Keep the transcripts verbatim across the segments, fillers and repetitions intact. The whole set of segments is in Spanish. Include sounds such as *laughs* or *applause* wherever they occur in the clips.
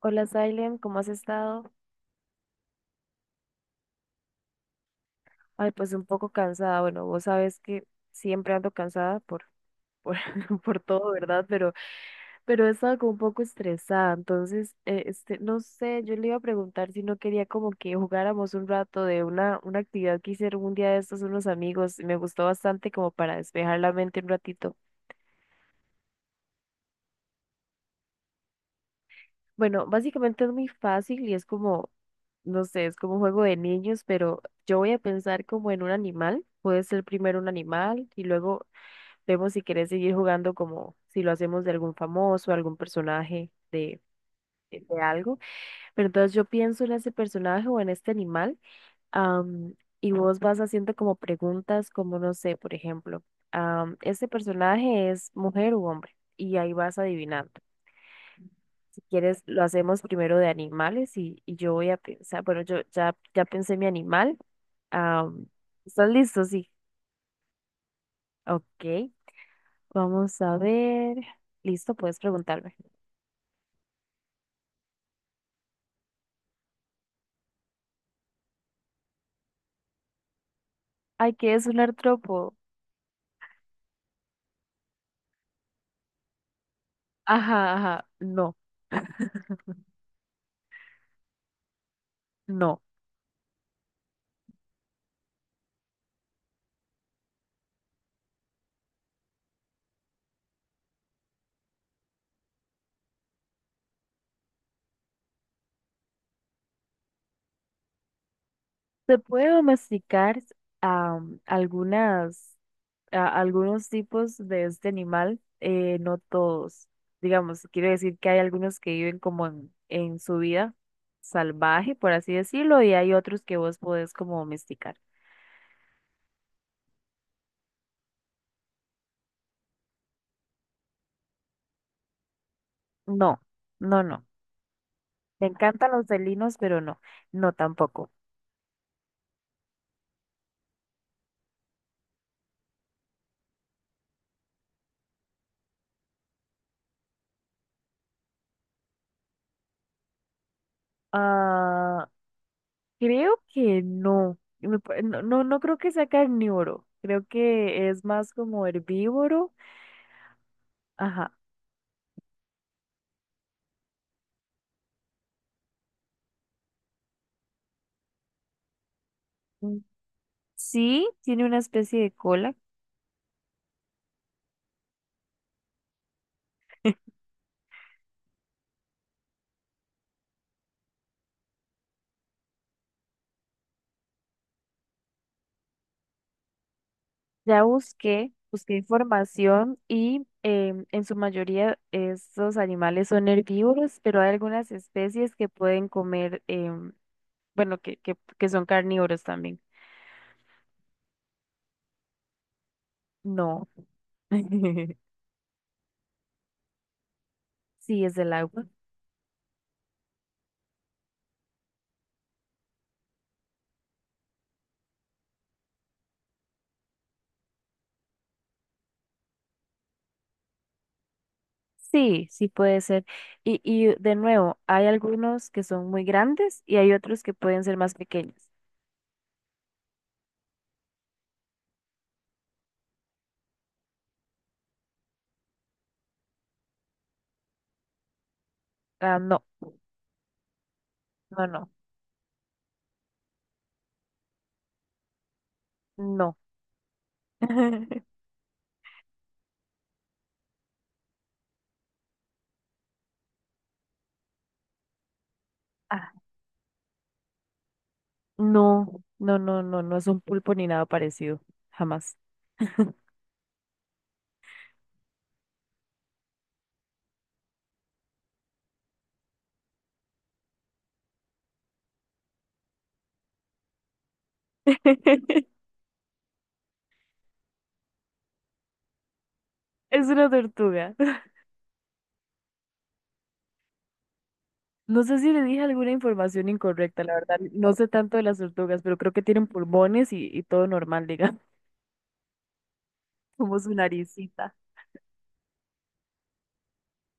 Hola, Silent, ¿cómo has estado? Ay, pues un poco cansada. Bueno, vos sabes que siempre ando cansada por, por, *laughs* por todo, ¿verdad? Pero, pero he estado como un poco estresada. Entonces, eh, este, no sé, yo le iba a preguntar si no quería como que jugáramos un rato de una, una actividad que hicieron un día de estos unos amigos. Me gustó bastante como para despejar la mente un ratito. Bueno, básicamente es muy fácil y es como, no sé, es como un juego de niños, pero yo voy a pensar como en un animal. Puede ser primero un animal y luego vemos si querés seguir jugando como si lo hacemos de algún famoso, algún personaje de, de de algo. Pero entonces yo pienso en ese personaje o en este animal am, y vos vas haciendo como preguntas como, no sé, por ejemplo, am, ¿este personaje es mujer u hombre? Y ahí vas adivinando. Si quieres, lo hacemos primero de animales y, y yo voy a pensar, bueno, yo ya, ya pensé mi animal. Am, ¿estás listo? Sí. Ok, vamos a ver. Listo, puedes preguntarme. Ay, ¿qué es un artrópodo? Ajá, ajá, no, *clears throat* no. Se puede domesticar am, algunas a- algunos tipos de este animal, eh, no todos. Digamos, quiero decir que hay algunos que viven como en, en su vida salvaje, por así decirlo, y hay otros que vos podés como domesticar. No, no, no. Me encantan los felinos, pero no, no tampoco. Ah, creo que no. Me pa- No, no, no creo que sea carnívoro. Creo que es más como herbívoro. Ajá. Mm, sí, tiene una especie de cola. Ya busqué, busqué información y em, en su mayoría estos animales son herbívoros, pero hay algunas especies que pueden comer, em, bueno, que, que, que son carnívoros también. No. *laughs* Sí, es del agua. Sí, sí puede ser. Y, y de nuevo, hay algunos que son muy grandes y hay otros que pueden ser más pequeños. Ah, no, no, no, no. *laughs* Ah, no, no, no, no, no es un pulpo ni nada parecido, jamás. *laughs* Es una tortuga. *laughs* No sé si le dije alguna información incorrecta, la verdad. No sé tanto de las tortugas, pero creo que tienen pulmones y, y todo normal, digamos, *laughs* como su naricita.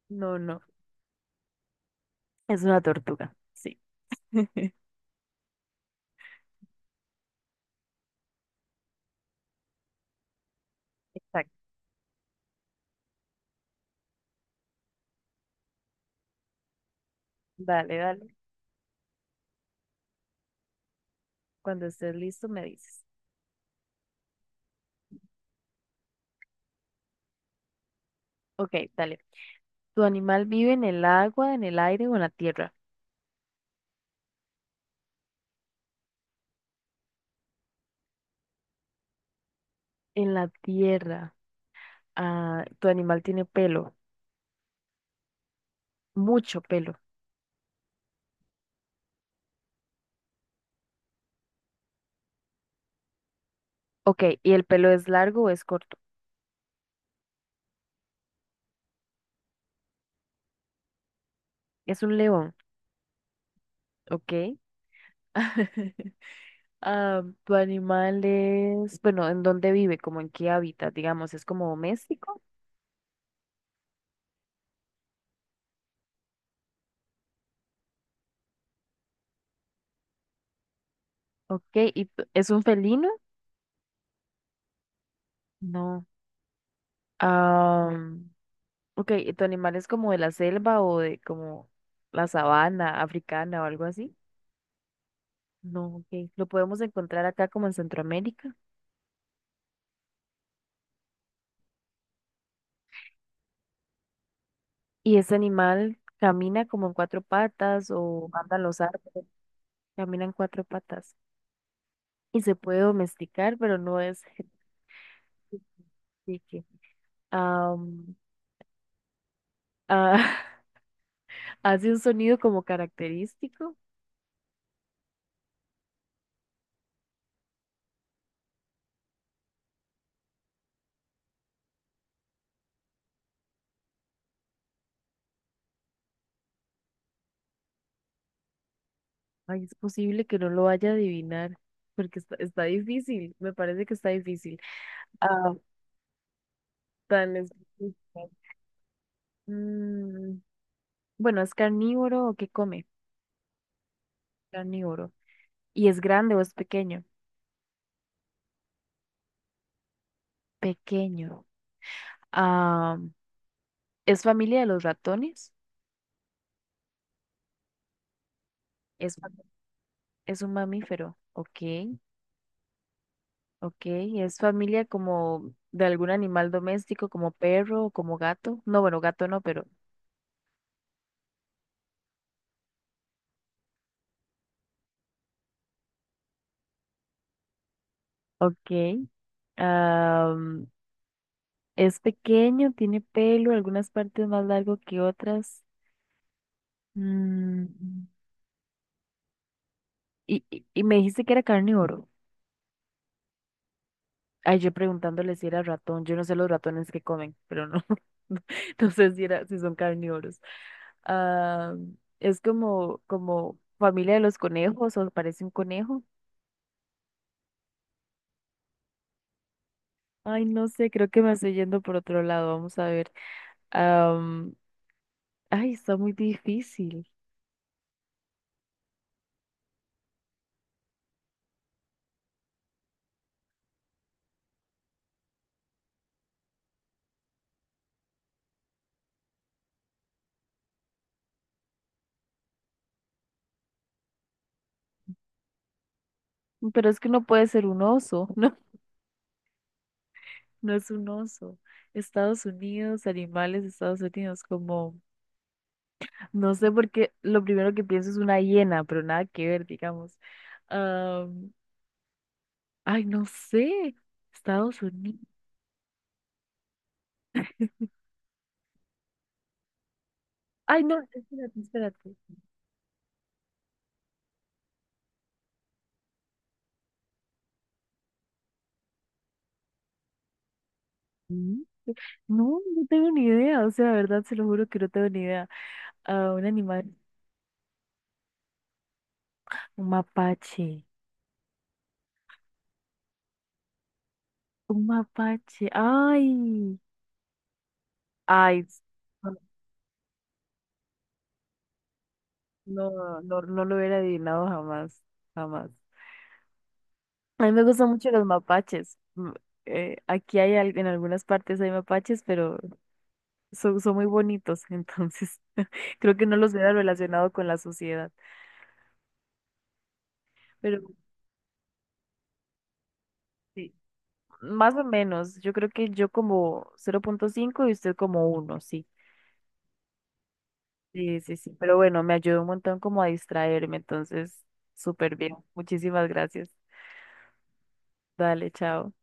No, no, es una tortuga. Sí. *laughs* Exacto. Dale, dale. Cuando estés listo, me dices. Ok, dale. ¿Tu animal vive en el agua, en el aire o en la tierra? En la tierra. Ah, tu animal tiene pelo, mucho pelo. Ok, ¿y el pelo es largo o es corto? Es un león, ok. *laughs* Ah, tu animal es, bueno, ¿en dónde vive? ¿Como en qué hábitat? Digamos, ¿es como doméstico? Ok, ¿y tu- es un felino? No. Ah, ok, ¿y tu animal es como de la selva o de como la sabana africana o algo así? No, ok. Lo podemos encontrar acá como en Centroamérica. ¿Y ese animal camina como en cuatro patas o anda en los árboles? Camina en cuatro patas. Y se puede domesticar, pero no es... *laughs* que- Ah, ah, *laughs* hace un sonido como característico. Ay, es posible que no lo vaya a adivinar, porque está, está difícil. Me parece que está difícil. Ah, tan específico. Mm, bueno, ¿es carnívoro o qué come? Carnívoro. ¿Y es grande o es pequeño? Pequeño. Ah, ¿es familia de los ratones? Es, fam- es un mamífero. Ok, ok. ¿Es familia como de algún animal doméstico, como perro o como gato? No, bueno, gato no, pero... Ok. Am, es pequeño, tiene pelo, algunas partes más largo que otras. Mm, y, y- y me dijiste que era carnívoro. Ay, yo preguntándole si era ratón. Yo no sé los ratones que comen, pero no. *laughs* No sé si era, si son carnívoros. Ah, es como, como familia de los conejos o parece un conejo. Ay, no sé, creo que me estoy yendo por otro lado. Vamos a ver. Am, ay, está muy difícil. Pero es que no puede ser un oso. *laughs* No es un oso. Estados Unidos, animales, de Estados Unidos, como, no sé por qué, lo primero que pienso es una hiena, pero nada que ver, digamos. Am, ay, no sé. Estados Unidos. Ay, no, espérate, espérate. Mm, no, no tengo ni idea. O sea, de verdad, se lo juro que no tengo ni idea. Ah, un animal, un mapache. Un mapache. Ay, ay, no, no, no lo hubiera adivinado jamás, jamás. A mí me gustan mucho los mapaches. Mm, eh, aquí hay al- en algunas partes hay mapaches, pero son, son muy bonitos, *laughs* entonces *laughs* creo que no los hubiera relacionado con la sociedad. Pero sí, más o menos, yo creo que yo como cero punto cinco y usted como uno sí. Sí, sí, sí. Pero bueno, me ayudó un montón como a distraerme, entonces súper bien. Muchísimas gracias. Dale, chao.